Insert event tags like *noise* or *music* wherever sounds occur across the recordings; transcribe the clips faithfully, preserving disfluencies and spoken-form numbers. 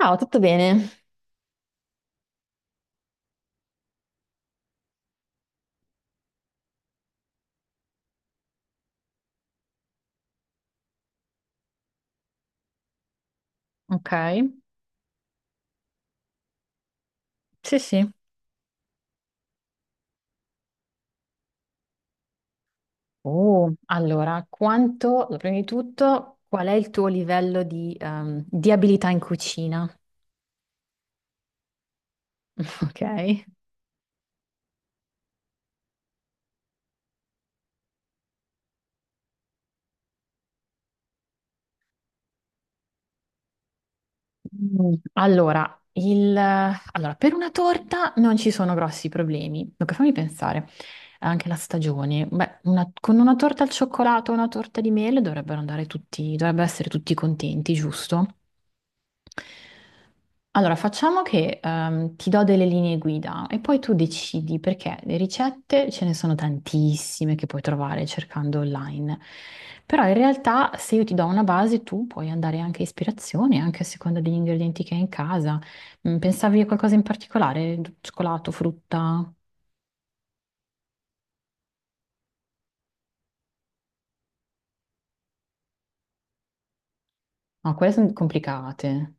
Ciao, tutto bene? Ok, sì, sì. Oh, allora, quanto, allora, prima di tutto, qual è il tuo livello di, ehm, di abilità in cucina? *laughs* Ok. Mm, Allora, il, allora, per una torta non ci sono grossi problemi. Dunque, fammi pensare, anche la stagione. Beh, una- con una torta al cioccolato o una torta di mele dovrebbero andare tutti, dovrebbero essere tutti contenti, giusto? Allora, facciamo che ehm, ti do delle linee guida e poi tu decidi perché le ricette ce ne sono tantissime che puoi trovare cercando online. Però in realtà se io ti do una base, tu puoi andare anche a ispirazione, anche a seconda degli ingredienti che hai in casa. Mm, Pensavi a qualcosa in particolare? Cioccolato, frutta? No, quelle sono complicate.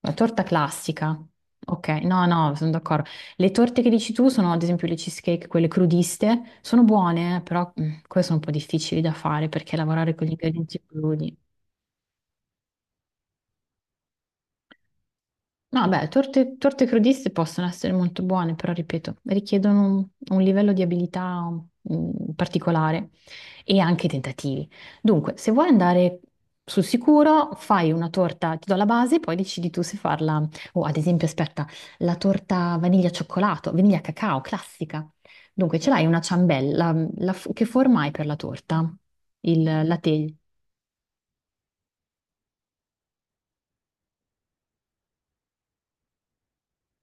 La torta classica. Ok, no, no, sono d'accordo. Le torte che dici tu sono, ad esempio, le cheesecake, quelle crudiste, sono buone, eh, però mm, queste sono un po' difficili da fare perché lavorare con gli ingredienti crudi. No, beh, torte, torte crudiste possono essere molto buone, però ripeto, richiedono un, un livello di abilità mm, particolare e anche tentativi. Dunque, se vuoi andare sul sicuro, fai una torta, ti do la base, poi decidi tu se farla. O ad esempio, aspetta, la torta vaniglia cioccolato, vaniglia cacao, classica. Dunque, ce l'hai una ciambella, la- la f- che forma hai per la torta? Il, la teglia?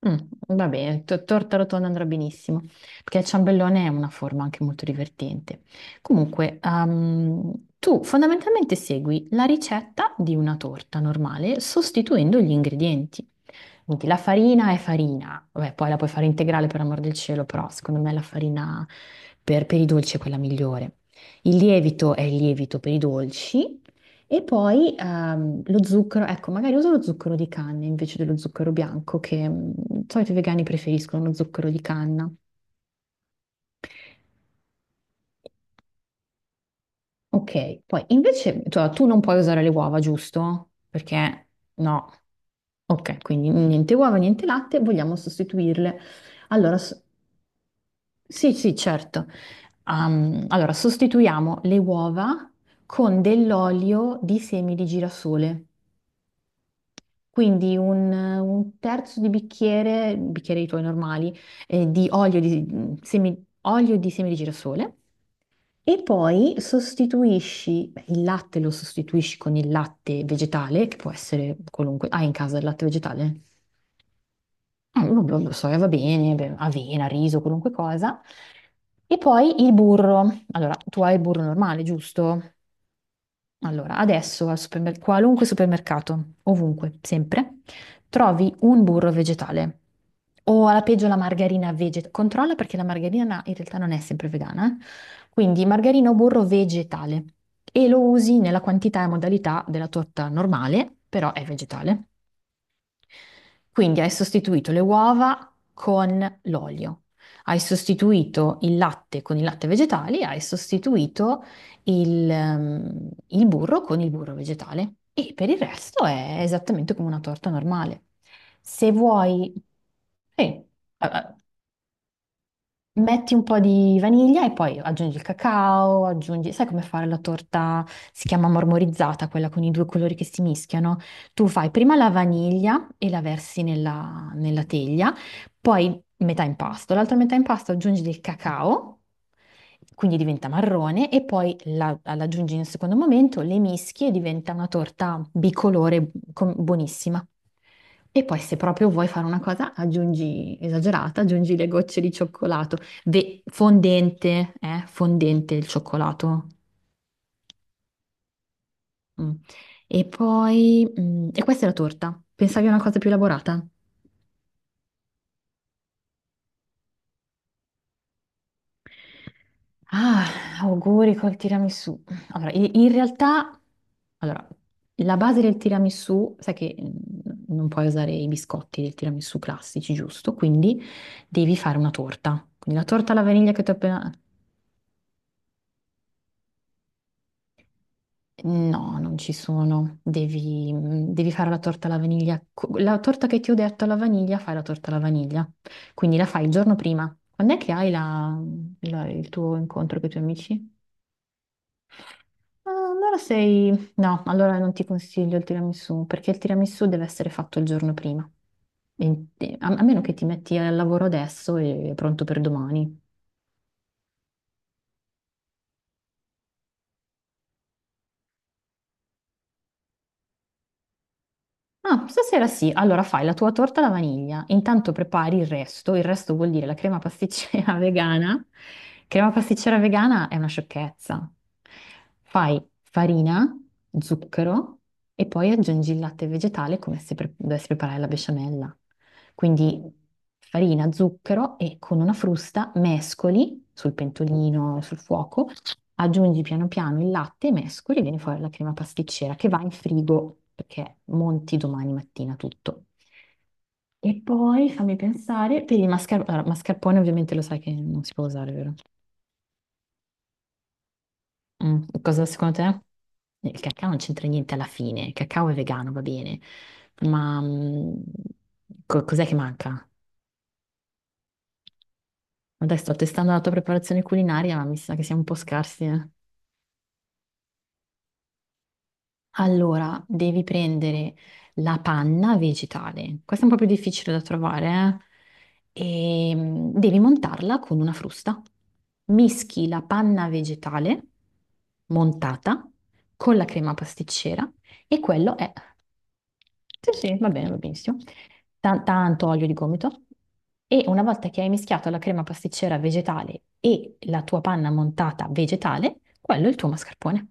Mm, va bene, to- torta rotonda andrà benissimo, perché il ciambellone è una forma anche molto divertente. Comunque, ehm, tu fondamentalmente segui la ricetta di una torta normale sostituendo gli ingredienti. Quindi la farina è farina, vabbè, poi la puoi fare integrale per amor del cielo, però secondo me la farina per, per i dolci è quella migliore. Il lievito è il lievito per i dolci e poi ehm, lo zucchero, ecco, magari uso lo zucchero di canna invece dello zucchero bianco, che mh, di solito i vegani preferiscono lo zucchero di canna. Ok, poi invece tu tu non puoi usare le uova, giusto? Perché no. Ok, quindi niente uova, niente latte, vogliamo sostituirle. Allora, s- Sì, sì, certo. Ehm, allora, sostituiamo le uova con dell'olio di semi di girasole, quindi un, un terzo di bicchiere, bicchieri i tuoi normali, eh, di olio di, semi, olio di semi di girasole. E poi sostituisci, beh, il latte lo sostituisci con il latte vegetale, che può essere qualunque. Hai in casa il latte vegetale? Eh, lo lo lo soia va bene, beh, avena, riso, qualunque cosa. E poi il burro. Allora, tu hai il burro normale, giusto? Allora, adesso al supermer- qualunque supermercato, ovunque, sempre, trovi un burro vegetale. O alla peggio la margarina vegetale. Controlla perché la margarina in realtà non è sempre vegana, eh. Quindi margarina o burro vegetale. E lo usi nella quantità e modalità della torta normale, però è vegetale. Quindi hai sostituito le uova con l'olio, hai sostituito il latte con il latte vegetale, hai sostituito il, ehm, il burro con il burro vegetale e per il resto è esattamente come una torta normale. Se vuoi, sì, eh, eh, metti un po' di vaniglia e poi aggiungi il cacao, aggiungi... Sai come fare la torta? Si chiama marmorizzata, quella con i due colori che si mischiano. Tu fai prima la vaniglia e la versi nella, nella teglia, poi metà impasto, l'altra metà impasto aggiungi del cacao, quindi diventa marrone, e poi la, la aggiungi in un secondo momento, le mischi e diventa una torta bicolore com- buonissima. E poi se proprio vuoi fare una cosa, aggiungi, esagerata, aggiungi le gocce di cioccolato. Ve- fondente, eh, fondente il cioccolato. Mm. E poi, mm, e questa è la torta. Pensavi a una cosa più elaborata? Ah, auguri col tiramisù. Allora, i- in realtà, allora, la base del tiramisù, sai che mm, non puoi usare i biscotti del tiramisù classici, giusto? Quindi devi fare una torta. Quindi la torta alla vaniglia che ti ho appena... No, non ci sono. Devi, mm, devi fare la torta alla vaniglia. Co- La torta che ti ho detto alla vaniglia, fai la torta alla vaniglia. Quindi la fai il giorno prima. Quando è che hai la- la- il tuo incontro con i tuoi amici? Ah, allora sei... No, allora non ti consiglio il tiramisù, perché il tiramisù deve essere fatto il giorno prima. E- e- A, a meno che ti metti al lavoro adesso e è pronto per domani. Ah, stasera sì. Allora fai la tua torta alla vaniglia, intanto prepari il resto, il resto vuol dire la crema pasticcera *laughs* vegana. Crema pasticcera vegana è una sciocchezza. Fai farina, zucchero e poi aggiungi il latte vegetale come se pre- dovessi preparare la besciamella. Quindi farina, zucchero e con una frusta mescoli sul pentolino, sul fuoco aggiungi piano piano il latte, mescoli e viene fuori la crema pasticcera che va in frigo perché monti domani mattina tutto. E poi fammi pensare, per il mascarpone, allora, mascarpone ovviamente lo sai che non si può usare, vero? Mm, Cosa secondo te? Il cacao non c'entra niente alla fine, il cacao è vegano, va bene, ma mm, co- cos'è che manca? Adesso sto testando la tua preparazione culinaria, ma mi sa che siamo un po' scarsi, eh. Allora, devi prendere la panna vegetale. Questa è un po' più difficile da trovare, eh? E mm, devi montarla con una frusta. Mischi la panna vegetale montata con la crema pasticcera e quello è... Sì, sì, va bene, va benissimo. Tan- tanto olio di gomito. E una volta che hai mischiato la crema pasticcera vegetale e la tua panna montata vegetale, quello è il tuo mascarpone.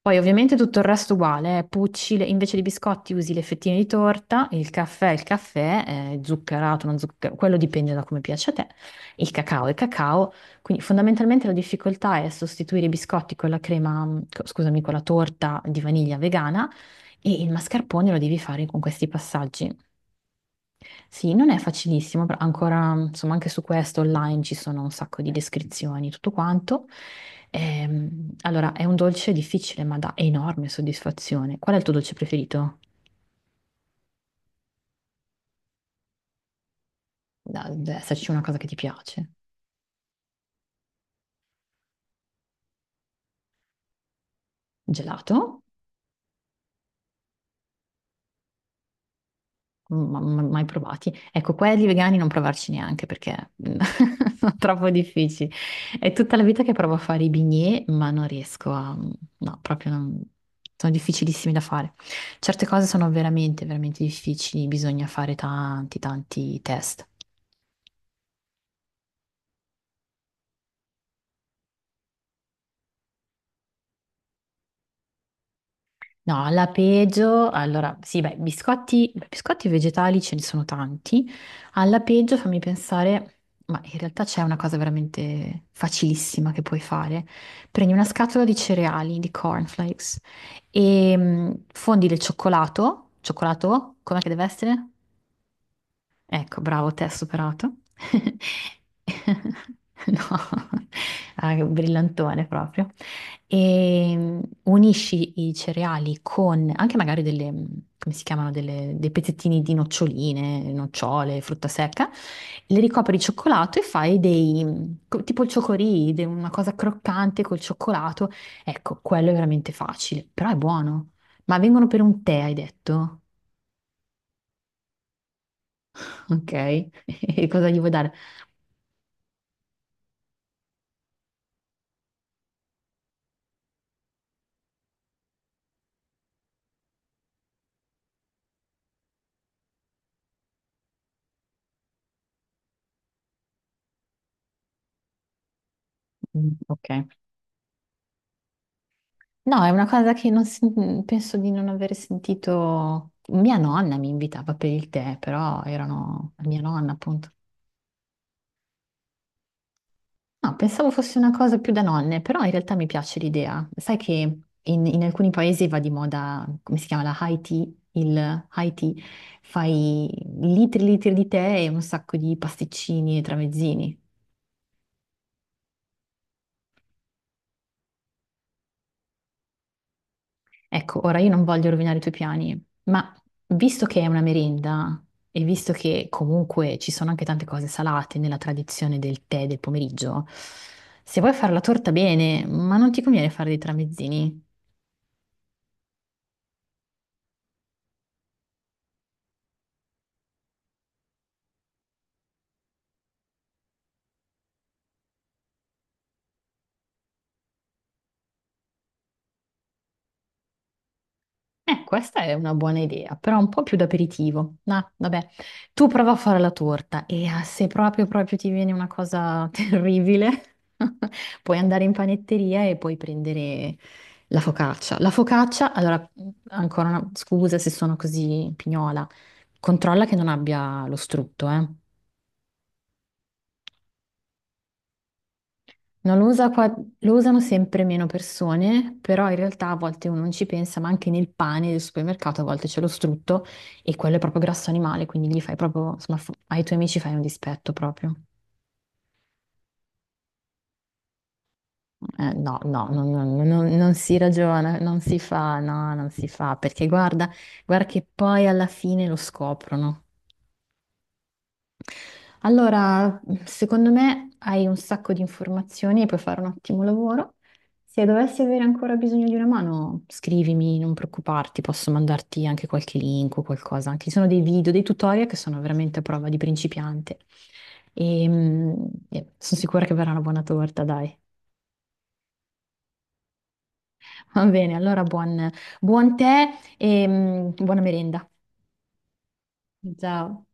Poi ovviamente tutto il resto uguale, eh, Pucci, le- invece di biscotti usi le fettine di torta, il caffè, il caffè, eh, zuccherato, non zuccherato, quello dipende da come piace a te, il cacao, il cacao, quindi fondamentalmente la difficoltà è sostituire i biscotti con la crema, mm, co- scusami, con la torta di vaniglia vegana e il mascarpone lo devi fare con questi passaggi. Sì, non è facilissimo, però ancora, insomma, anche su questo online ci sono un sacco di descrizioni, tutto quanto. Ehm, allora, è un dolce difficile, ma dà enorme soddisfazione. Qual è il tuo dolce preferito? Da- Deve esserci una cosa che ti piace. Gelato? Ma- ma- mai provati. Ecco, quelli vegani non provarci neanche perché *laughs* sono troppo difficili. È tutta la vita che provo a fare i bignè, ma non riesco a... No, proprio non... Sono difficilissimi da fare. Certe cose sono veramente, veramente difficili, bisogna fare tanti, tanti test. No, la peggio, allora, sì, beh, biscotti, beh, biscotti vegetali ce ne sono tanti. Alla peggio fammi pensare, ma in realtà c'è una cosa veramente facilissima che puoi fare. Prendi una scatola di cereali, di cornflakes, e mm, fondi del cioccolato, cioccolato, com'è che deve essere? Ecco, bravo, te hai superato. *laughs* No, ah, che brillantone proprio. E mm, unisci i cereali con anche magari delle, mm, come si chiamano, delle- dei pezzettini di noccioline, nocciole, frutta secca, le ricopri di cioccolato e fai dei, mm, co- tipo il ciocorì, de- una cosa croccante col cioccolato. Ecco, quello è veramente facile, però è buono. Ma vengono per un tè, hai detto? Ok, *laughs* e cosa gli vuoi dare? Mm, ok. No, è una cosa che non si- penso di non aver sentito. Mia nonna mi invitava per il tè, però erano mia nonna, appunto. No, pensavo fosse una cosa più da nonne, però in realtà mi piace l'idea. Sai che in, in alcuni paesi va di moda, come si chiama, la high tea, il high tea, fai litri e litri di tè e un sacco di pasticcini e tramezzini. Ecco, ora io non voglio rovinare i tuoi piani, ma visto che è una merenda e visto che comunque ci sono anche tante cose salate nella tradizione del tè del pomeriggio, se vuoi fare la torta bene, ma non ti conviene fare dei tramezzini? Eh, questa è una buona idea, però un po' più d'aperitivo. No, vabbè, tu prova a fare la torta e ah, se proprio proprio ti viene una cosa *laughs* terribile, *laughs* puoi andare in panetteria e puoi prendere la focaccia. La focaccia, allora, ancora una scusa se sono così pignola, controlla che non abbia lo strutto, eh. No, lo usa qua- lo usano sempre meno persone, però in realtà a volte uno non ci pensa, ma anche nel pane del supermercato a volte c'è lo strutto e quello è proprio grasso animale, quindi gli fai proprio, insomma, f- ai tuoi amici fai un dispetto proprio. Eh, no, no, no, no, no, no, non si ragiona, non si fa, no, non si fa, perché guarda, guarda che poi alla fine lo scoprono. Allora, secondo me hai un sacco di informazioni e puoi fare un ottimo lavoro. Se dovessi avere ancora bisogno di una mano, scrivimi, non preoccuparti, posso mandarti anche qualche link o qualcosa. Anche ci sono dei video, dei tutorial che sono veramente a prova di principiante. E, mm, e sono sicura che verrà una buona torta, dai. Va bene, allora buon, buon tè e mm, buona merenda. Ciao.